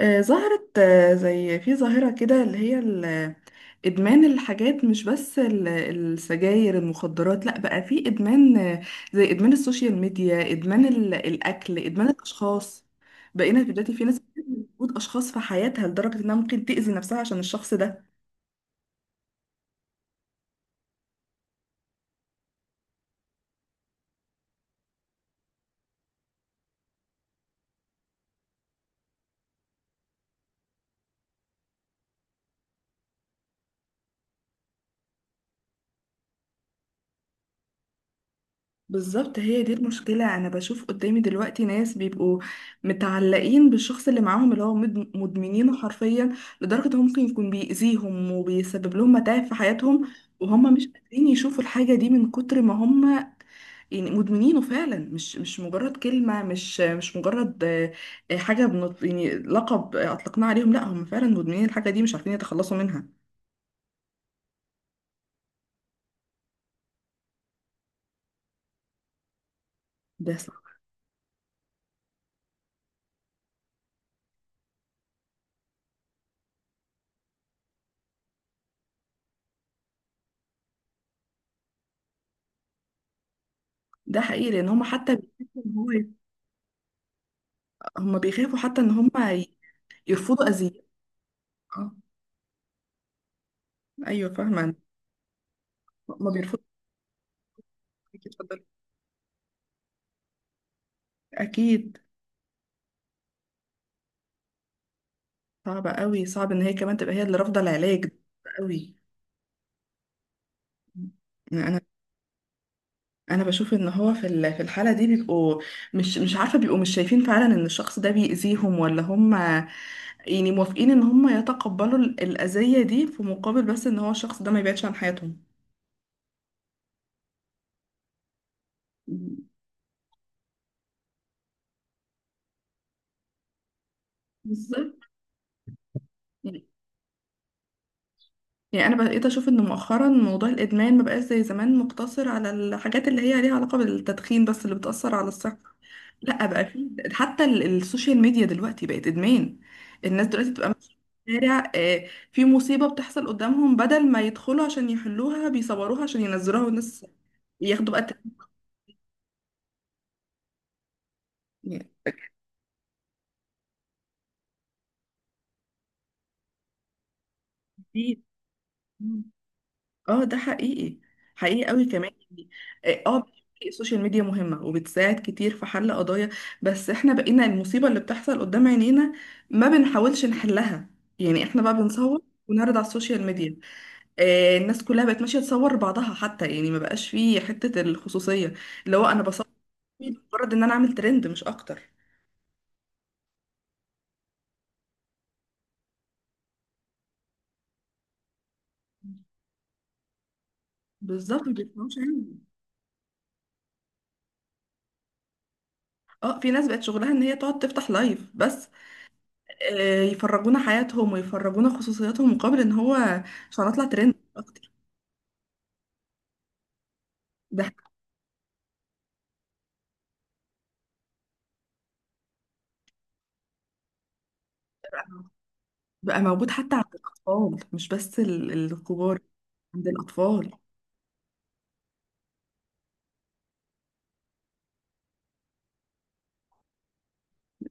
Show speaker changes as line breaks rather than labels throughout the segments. ظهرت زي في ظاهرة كده اللي هي إدمان الحاجات، مش بس السجاير المخدرات، لأ بقى في إدمان زي إدمان السوشيال ميديا، إدمان الأكل، إدمان الأشخاص. بقينا دلوقتي في ناس بتدمن وجود أشخاص في حياتها لدرجة إنها ممكن تأذي نفسها عشان الشخص ده. بالظبط هي دي المشكلة. أنا بشوف قدامي دلوقتي ناس بيبقوا متعلقين بالشخص اللي معاهم، اللي هو مدمنينه حرفيا، لدرجة إنه ممكن يكون بيأذيهم وبيسبب لهم متاعب في حياتهم، وهم مش قادرين يشوفوا الحاجة دي من كتر ما هم يعني مدمنينه فعلا. مش مجرد كلمة، مش مجرد حاجة بنط، يعني لقب أطلقناه عليهم، لا هم فعلا مدمنين الحاجة دي، مش عارفين يتخلصوا منها. ده صح. ده حقيقي، لأن هم حتى بيخافوا إن هو هم بيخافوا حتى إن هم يرفضوا أذية. اه، ايوه، فاهمه. ما بيرفض. اتفضلي. اكيد. صعبه قوي، صعب ان هي كمان تبقى هي اللي رافضه العلاج ده. صعب قوي. انا انا بشوف ان هو في الحاله دي بيبقوا مش عارفه، بيبقوا مش شايفين فعلا ان الشخص ده بيأذيهم، ولا هم يعني موافقين ان هم يتقبلوا الأذية دي في مقابل بس ان هو الشخص ده ما يبعدش عن حياتهم. بالظبط. يعني انا بقيت اشوف ان مؤخرا موضوع الادمان ما بقاش زي زمان مقتصر على الحاجات اللي هي ليها علاقه بالتدخين بس، اللي بتاثر على الصحه. لا، بقى في حتى السوشيال ميديا دلوقتي بقت ادمان. الناس دلوقتي بتبقى ماشيه في الشارع، في مصيبه بتحصل قدامهم، بدل ما يدخلوا عشان يحلوها، بيصوروها عشان ينزلوها والناس ياخدوا بقى التقييم. يعني كتير. اه، ده حقيقي. حقيقي قوي كمان، يعني اه بيبقى السوشيال ميديا مهمة وبتساعد كتير في حل قضايا، بس احنا بقينا المصيبة اللي بتحصل قدام عينينا ما بنحاولش نحلها، يعني احنا بقى بنصور ونعرض على السوشيال ميديا. آه، الناس كلها بقت ماشية تصور بعضها حتى، يعني ما بقاش فيه حتة الخصوصية، اللي هو انا بصور مجرد ان انا اعمل ترند مش اكتر. بالظبط ما بيفهموش يعني. اه، في ناس بقت شغلها ان هي تقعد تفتح لايف بس، يفرجونا حياتهم ويفرجونا خصوصياتهم، مقابل ان هو عشان اطلع ترند اكتر. ده بقى موجود حتى عند الاطفال، مش بس الكبار، عند الاطفال.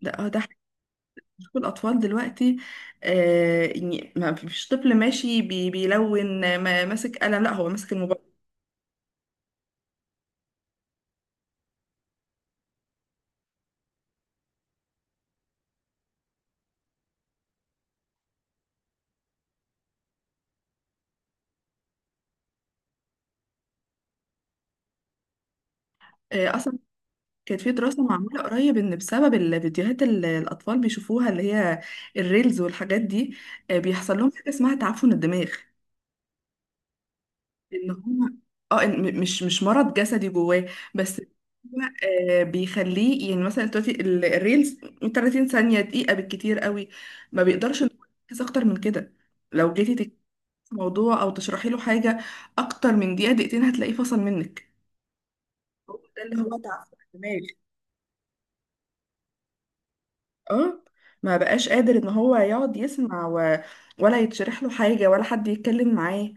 لا، ده حتى شوف الاطفال دلوقتي، آه يعني ما فيش طفل ماشي بيلون ما ماسك قلم، لا هو ماسك الموبايل. آه اصلا كانت في دراسة معمولة قريب ان بسبب الفيديوهات اللي الاطفال بيشوفوها، اللي هي الريلز والحاجات دي، آه بيحصل لهم حاجة اسمها تعفن الدماغ. ان هو اه، إن مش مرض جسدي جواه، بس هو بيخليه يعني مثلا دلوقتي الريلز 30 ثانية دقيقة بالكتير قوي، ما بيقدرش إن هو يركز اكتر من كده. لو جيتي تكتبي موضوع او تشرحي له حاجة اكتر من دقيقة دقيقتين هتلاقيه فصل منك. هو ده اللي هو تعب في الدماغ. اه، ما بقاش قادر ان هو يقعد يسمع و... ولا يتشرح له حاجة ولا حد يتكلم معاه.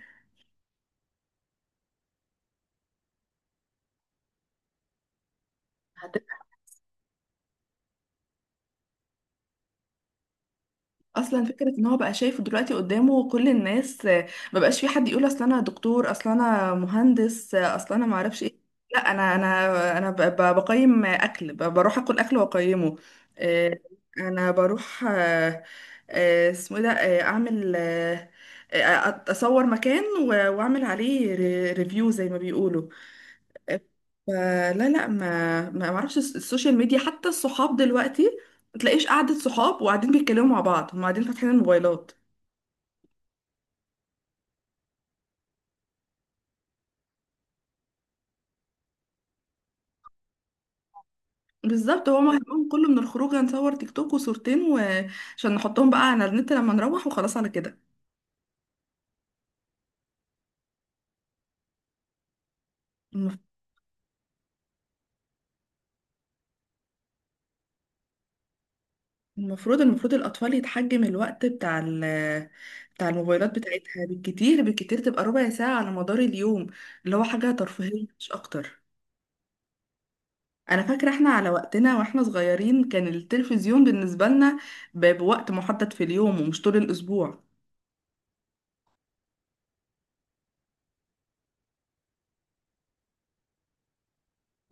اصلا فكره ان هو بقى شايف دلوقتي قدامه كل الناس، ما بقاش في حد يقول اصل انا دكتور، اصل انا مهندس، اصل انا ما اعرفش ايه. لا انا بقيم اكل، بروح اكل واقيمه، آه، انا بروح اسمه إيه ده، اعمل اصور مكان و- واعمل عليه ريفيو زي ما بيقولوا. فلا لا ما اعرفش السوشيال ميديا، حتى الصحاب دلوقتي ما تلاقيش قعدة صحاب وقاعدين بيتكلموا مع بعض، هم قاعدين فاتحين الموبايلات. بالظبط، هو همهم كله من الخروج هنصور تيك توك وصورتين وعشان نحطهم بقى على النت لما نروح، وخلاص على كده. المف- المفروض الأطفال يتحجم الوقت بتاع بتاع الموبايلات بتاعتها، بالكتير بالكتير تبقى ربع ساعة على مدار اليوم، اللي هو حاجة ترفيهية مش أكتر. انا فاكره احنا على وقتنا واحنا صغيرين كان التلفزيون بالنسبه لنا بوقت محدد في اليوم ومش طول الاسبوع.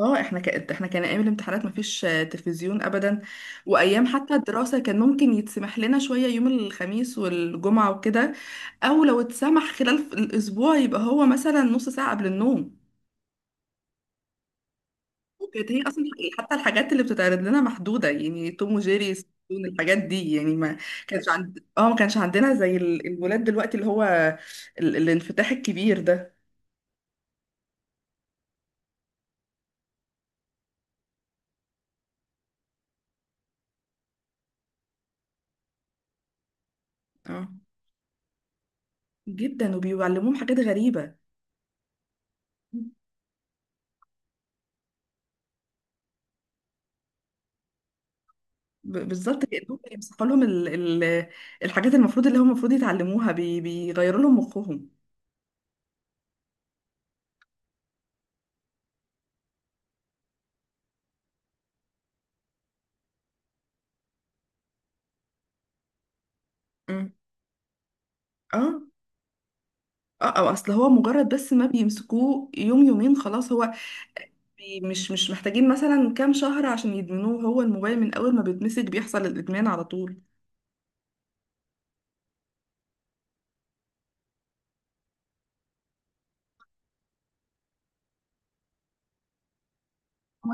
اه، احنا كان احنا كان ايام الامتحانات مفيش تلفزيون ابدا، وايام حتى الدراسه كان ممكن يتسمح لنا شويه يوم الخميس والجمعه وكده، او لو اتسمح خلال الاسبوع يبقى هو مثلا نص ساعه قبل النوم، كانت هي اصلا. يعني حتى الحاجات اللي بتتعرض لنا محدوده، يعني توم وجيري سبون الحاجات دي، يعني ما كانش عند اه، ما كانش عندنا زي الولاد دلوقتي اللي هو الانفتاح الكبير ده. اه جدا، وبيعلموهم حاجات غريبه. بالظبط كانهم بيمسحوا لهم ال... الحاجات المفروض اللي هم المفروض يتعلموها، بيغيروا لهم مخهم. مم. اه اه، أو اصل هو مجرد بس ما بيمسكوه يوم يومين خلاص، هو مش محتاجين مثلا كام شهر عشان يدمنوه، هو الموبايل من اول ما بيتمسك بيحصل الادمان على طول.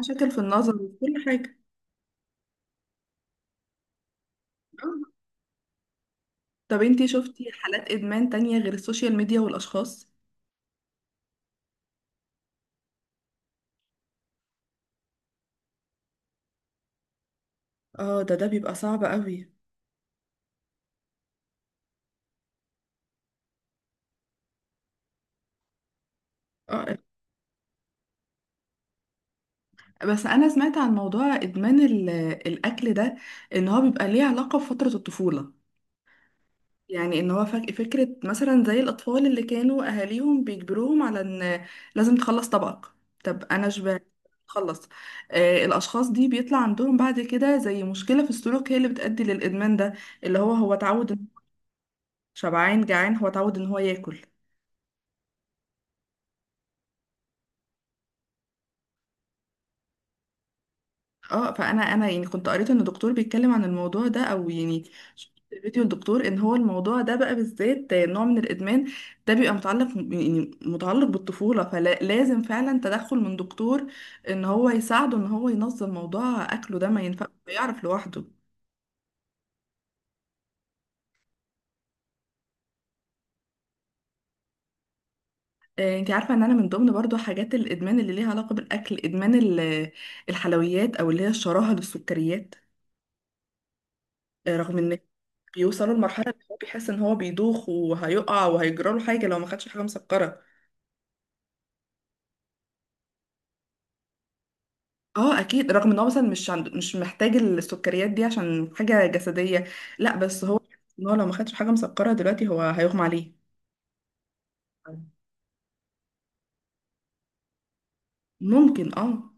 مشاكل في النظر وفي كل حاجة. آه. طب انتي شفتي حالات ادمان تانية غير السوشيال ميديا والاشخاص؟ اه، ده بيبقى صعب قوي. اه، بس انا سمعت عن موضوع ادمان الاكل ده ان هو بيبقى ليه علاقة بفترة الطفولة، يعني ان هو فكرة مثلا زي الأطفال اللي كانوا أهاليهم بيجبروهم على ان لازم تخلص طبقك، طب أنا شبعت، خلص، آه الأشخاص دي بيطلع عندهم بعد كده زي مشكلة في السلوك هي اللي بتؤدي للإدمان ده، اللي هو هو اتعود شبعان جعان هو اتعود ان هو ياكل. اه، فانا انا يعني كنت قريت ان الدكتور بيتكلم عن الموضوع ده، او يعني شفت فيديو الدكتور ان هو الموضوع ده بقى بالذات نوع من الادمان، ده بيبقى متعلق، يعني متعلق بالطفوله، فلازم فعلا تدخل من دكتور ان هو يساعده ان هو ينظم موضوع اكله ده، ما ينفع ما يعرف لوحده. انت عارفه ان انا من ضمن برضو حاجات الادمان اللي ليها علاقه بالاكل ادمان الحلويات او اللي هي الشراهه للسكريات، رغم ان بيوصلوا لمرحلة ان هو بيحس ان هو بيدوخ وهيقع وهيجراله حاجة لو ما خدش حاجة مسكرة. اه اكيد، رغم ان هو مثلا مش محتاج السكريات دي عشان حاجة جسدية، لا بس هو ان هو لو ما خدش حاجة مسكرة دلوقتي هو هيغمى عليه. ممكن اه.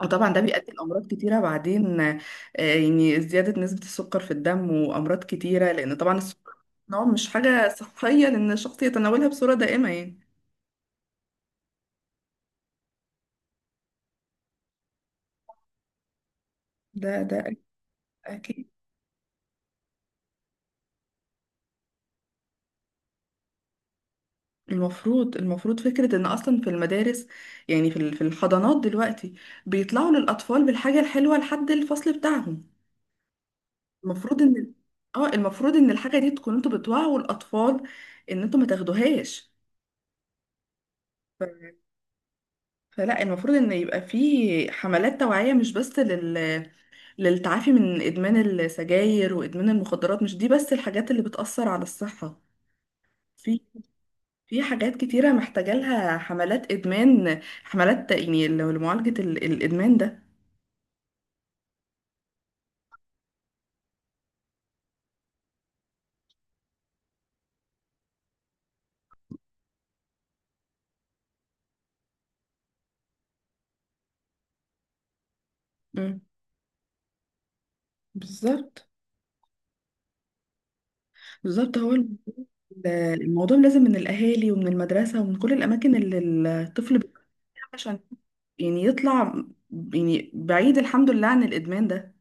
اه طبعا ده بيؤدي لامراض كتيره بعدين، يعني زياده نسبه السكر في الدم وامراض كتيره، لان طبعا السكر نوع مش حاجه صحيه لان الشخص يتناولها بصوره دائمه يعني. ده اكيد. المفروض فكرة ان اصلا في المدارس، يعني في الحضانات دلوقتي بيطلعوا للاطفال بالحاجة الحلوة لحد الفصل بتاعهم، المفروض ان اه المفروض ان الحاجة دي تكون انتوا بتوعوا الاطفال ان انتوا ما تاخدوهاش. ف- فلا المفروض ان يبقى في حملات توعية مش بس للتعافي من ادمان السجاير وادمان المخدرات، مش دي بس الحاجات اللي بتأثر على الصحة، في حاجات كتيرة محتاجة لها حملات إدمان، حملات يعني لو لمعالجة الإدمان ده. مم. بالظبط. بالظبط هو الموضوع لازم من الأهالي ومن المدرسة ومن كل الأماكن اللي الطفل بيروحها عشان يعني يطلع يعني بعيد الحمد لله عن الإدمان ده.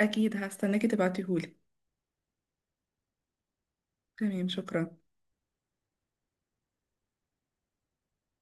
أكيد هستناكي تبعتيهولي. تمام، شكرا.